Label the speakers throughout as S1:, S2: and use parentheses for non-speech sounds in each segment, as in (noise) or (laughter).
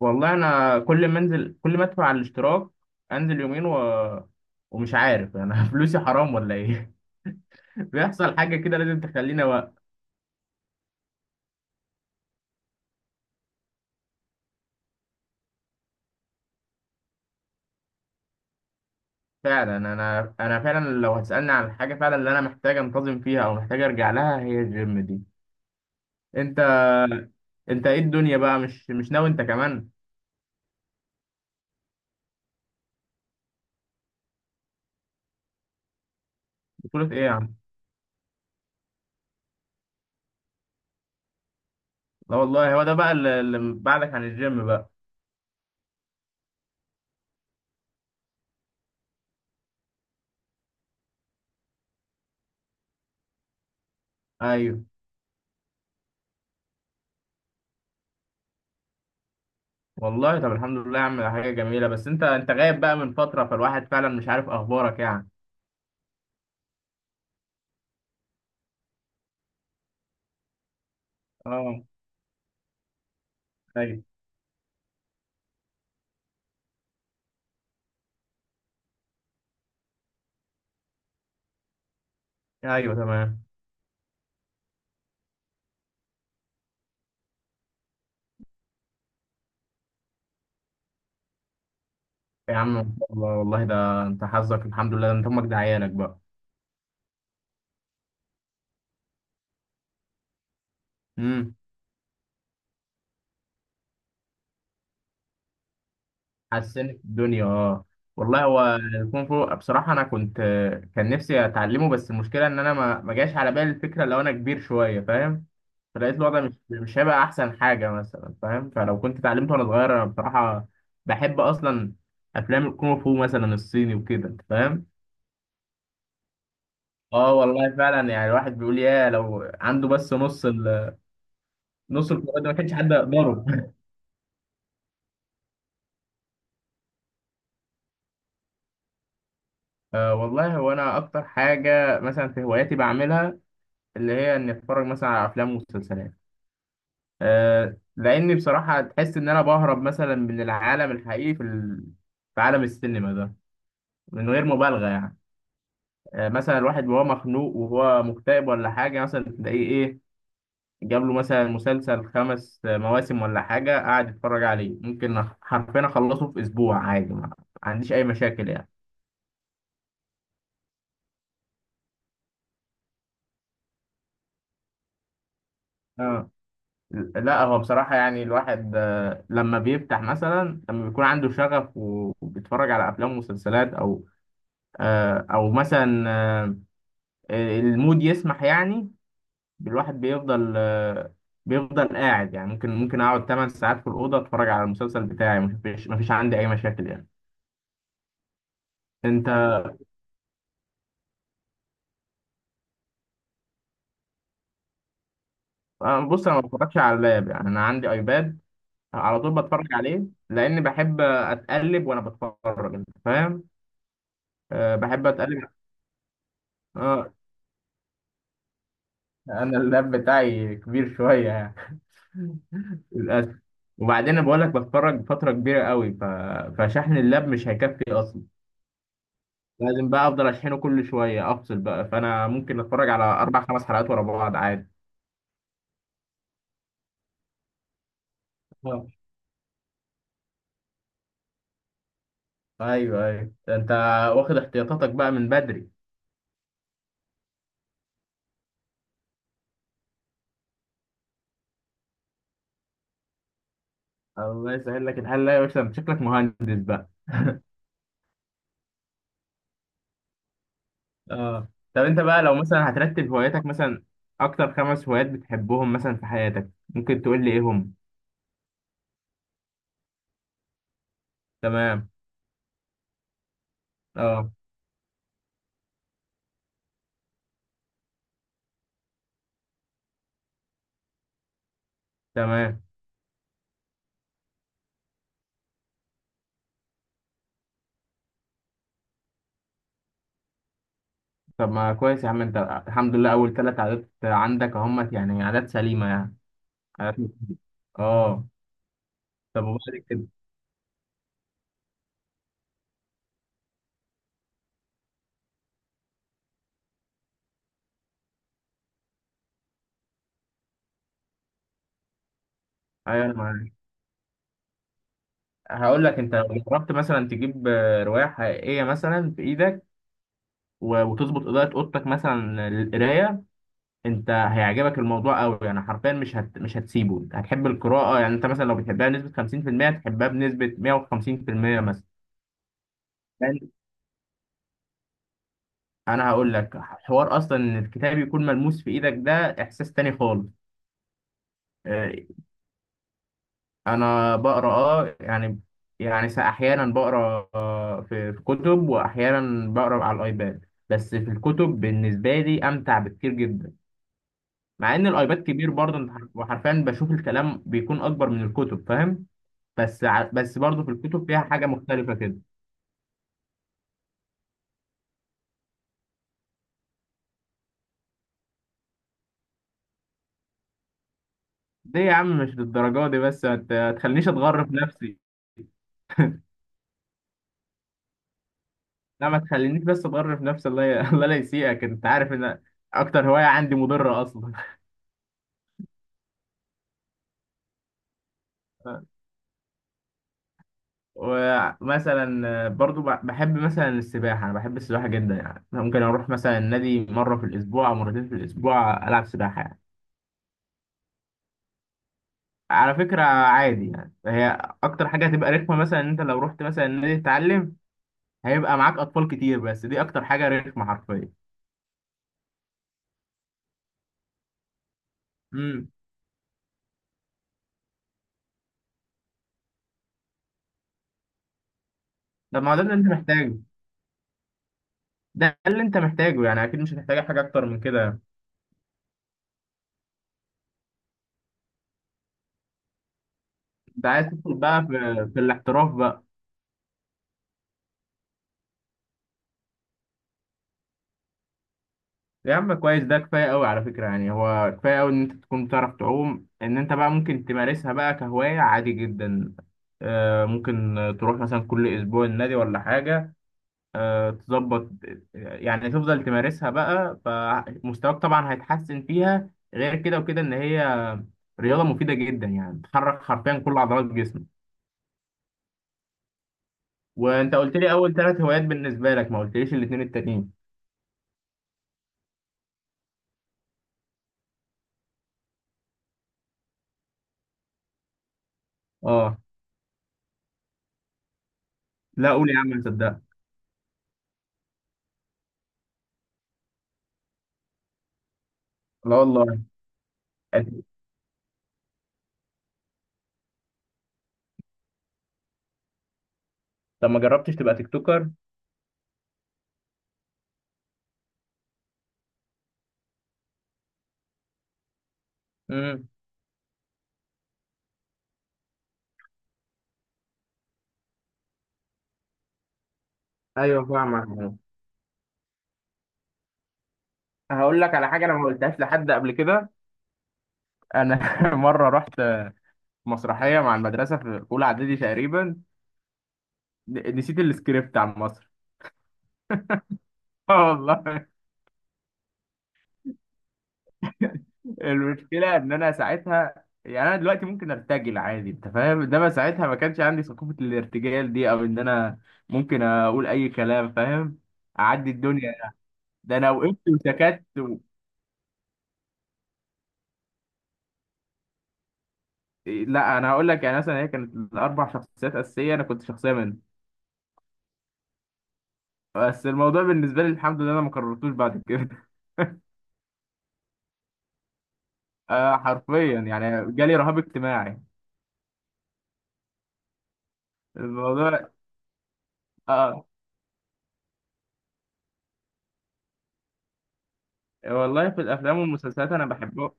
S1: والله انا كل ما انزل كل ما ادفع على الاشتراك، انزل يومين و... ومش عارف انا، (laughs) فلوسي حرام ولا ايه؟ (laughs) بيحصل حاجه كده لازم تخليني وقت. فعلا انا فعلا لو هتسالني عن الحاجه، فعلا اللي انا محتاج انتظم فيها او محتاج ارجع لها هي الجيم دي. انت انت ايه الدنيا بقى؟ مش ناوي انت كمان؟ بطولة ايه يا عم؟ لا والله، هو ده بقى اللي بعدك عن الجيم بقى؟ ايوه. والله طب الحمد لله يا عم، ده حاجه جميله، بس انت غايب بقى من فتره، فالواحد فعلا مش عارف اخبارك يعني. اه. ايوه، ايوه، تمام. يا عم إن شاء الله، والله ده انت حظك الحمد لله، ده انت امك دعيانك بقى. امم. حسنت الدنيا، اه. والله هو الكونغ فو بصراحه انا كنت، كان نفسي اتعلمه، بس المشكله ان انا ما جاش على بالي الفكره، لو انا كبير شويه فاهم، فلقيت الوضع مش هيبقى احسن حاجه مثلا فاهم، فلو كنت اتعلمته وانا صغير. انا بصراحه بحب اصلا افلام الكونغ فو مثلا الصيني وكده، أنت فاهم. اه والله فعلا يعني الواحد بيقول، يا لو عنده بس نص القوة دي ما كانش حد يقدره. أه والله هو انا اكتر حاجه مثلا في هواياتي بعملها اللي هي اني اتفرج مثلا على افلام ومسلسلات. أه لاني بصراحه تحس ان انا بهرب مثلا من العالم الحقيقي في عالم السينما ده، من غير مبالغه يعني. أه مثلا الواحد وهو مخنوق وهو مكتئب ولا حاجه، مثلا تلاقيه ايه، جاب له مثلا مسلسل خمس مواسم ولا حاجه، قاعد يتفرج عليه، ممكن حرفيا اخلصه في اسبوع عادي، ما عنديش اي مشاكل يعني. اه. لا هو بصراحة يعني الواحد، لما بيفتح، مثلا لما بيكون عنده شغف و- وبيتفرج على أفلام ومسلسلات، أو أو مثلا، المود يسمح يعني، الواحد بيفضل قاعد يعني، ممكن أقعد 8 ساعات في الأوضة أتفرج على المسلسل بتاعي، مفيش عندي أي مشاكل يعني. أنت. بص، أنا ما بتفرجش على اللاب، يعني أنا عندي أيباد على طول بتفرج عليه، لأن بحب أتقلب وأنا بتفرج، أنت فاهم؟ آه، بحب أتقلب. اه، انا اللاب بتاعي كبير شويه يعني، (laughs) للاسف. وبعدين بقول لك بتفرج فتره كبيره قوي، فشحن اللاب مش هيكفي اصلا، لازم بقى افضل اشحنه كل شويه، افصل بقى، فانا ممكن اتفرج على اربع خمس حلقات ورا بعض عادي. آه. ايوه، ايوه، ده انت واخد احتياطاتك بقى من بدري. الله يسهل لك الحل. لا يا باشا، انت شكلك مهندس بقى. اه، طب انت بقى لو مثلا هترتب هواياتك مثلا، اكتر خمس هوايات بتحبهم مثلا في حياتك، ممكن تقول لي ايه هم؟ تمام. اه، تمام. طب ما كويس يا عم، انت الحمد لله اول ثلاث عادات عندك اهمت يعني، عادات سليمه يعني، عادات، اه. طب وبعد كده؟ ايوه، انا معاك. هقول لك، انت لو جربت مثلا تجيب روايه حقيقيه مثلا في ايدك و- وتظبط اضاءه اوضتك مثلا للقرايه، انت هيعجبك الموضوع قوي يعني، حرفيا مش هتسيبه، انت هتحب القراءه يعني، انت مثلا لو بتحبها بنسبه 50%، تحبها بنسبه 150% مثلا. لأن انا هقول لك حوار اصلا، ان الكتاب يكون ملموس في ايدك ده احساس تاني خالص. آه، انا بقرا اه يعني، يعني احيانا بقرا، في كتب، واحيانا بقرا على الايباد، بس في الكتب بالنسبه لي امتع بكتير جدا، مع ان الايباد كبير برضه. أنت وحرفيا بشوف الكلام بيكون اكبر من الكتب فاهم. بس برضه في الكتب فيها حاجه مختلفه كده. ليه يا عم؟ مش للدرجه دي، بس ما تخلينيش اتغر في نفسي. لا ما تخلينيش بس اتغر في نفسي. (laughs) الله لا يسيئك، انت عارف ان اكتر هوايه عندي مضره اصلا. (laughs) ومثلا برضو بحب مثلا السباحة، أنا بحب السباحة جدا يعني، أنا ممكن أروح مثلا النادي مرة في الأسبوع أو مرتين في الأسبوع ألعب سباحة يعني. على فكرة عادي يعني، هي أكتر حاجة هتبقى رخمة مثلا إن أنت لو رحت مثلا النادي تتعلم، هيبقى معاك أطفال كتير، بس دي أكتر حاجة رخمة حرفيا. امم. طب ما هو ده اللي أنت محتاجه، ده اللي أنت محتاجه يعني، أكيد مش هتحتاج حاجة أكتر من كده. أنت عايز تدخل بقى في الاحتراف بقى؟ يا عم كويس، ده كفايه قوي على فكره يعني، هو كفايه قوي ان انت تكون بتعرف تعوم، ان انت بقى ممكن تمارسها بقى كهوايه عادي جدا. ممكن تروح مثلا كل اسبوع النادي ولا حاجه، تظبط يعني، تفضل تمارسها بقى، فمستواك طبعا هيتحسن فيها، غير كده وكده ان هي رياضه مفيده جدا يعني، بتحرك حرفيا كل عضلات جسمك. وانت قلت لي اول ثلاث هوايات بالنسبه لك، ما قلتليش الاثنين التانيين. اه. لا قول يا عم، صدق. لا والله. طب ما جربتش تبقى تيك توكر؟ ايوه فاهمك. هقول لك على حاجه انا ما قلتهاش لحد قبل كده. انا (laughs) مره رحت مسرحيه مع المدرسه في اولى اعدادي تقريبا، نسيت السكريبت عن مصر. (laughs) اه والله. المشكله ان انا ساعتها يعني، انا دلوقتي ممكن ارتجل عادي انت فاهم، انما ساعتها ما كانش عندي ثقافه الارتجال دي، او ان انا ممكن اقول اي كلام فاهم. اعدي الدنيا. ده انا وقفت وسكت. إيه، لا انا هقول لك، يعني مثلا هي كانت الاربع شخصيات اساسيه، انا كنت شخصيه منهم، بس الموضوع بالنسبة لي الحمد لله أنا ما كررتوش بعد كده. (laughs) آه حرفيا يعني جالي رهاب اجتماعي. الموضوع. آه والله، في الأفلام والمسلسلات أنا بحبه.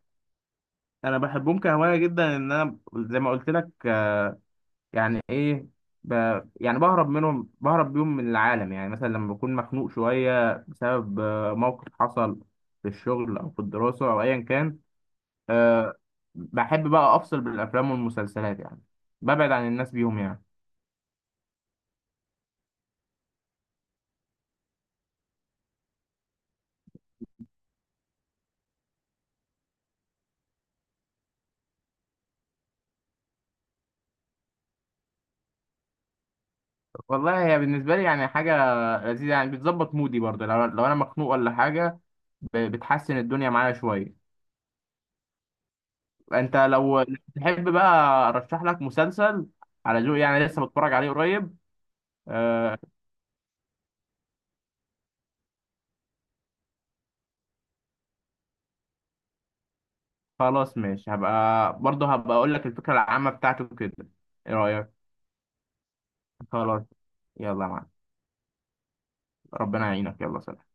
S1: أنا بحبهم كهواية جدا، إن أنا زي ما قلت لك، يعني إيه، ب... يعني بهرب منهم، بهرب بيهم من العالم يعني، مثلا لما بكون مخنوق شوية بسبب موقف حصل في الشغل أو في الدراسة أو أيا كان. آه بحب بقى أفصل بالأفلام والمسلسلات يعني، ببعد عن الناس بيهم يعني. والله هي بالنسبة لي يعني حاجة لذيذ يعني، بتظبط مودي برضه، لو انا مخنوق ولا حاجه بتحسن الدنيا معايا شويه. انت لو تحب بقى ارشح لك مسلسل على ذوقي يعني، لسه بتفرج عليه قريب. آه خلاص ماشي، هبقى برضه هبقى اقول لك الفكره العامه بتاعته كده. ايه رايك؟ خلاص. يلا يا معلم. ربنا يعينك، يلا سلام.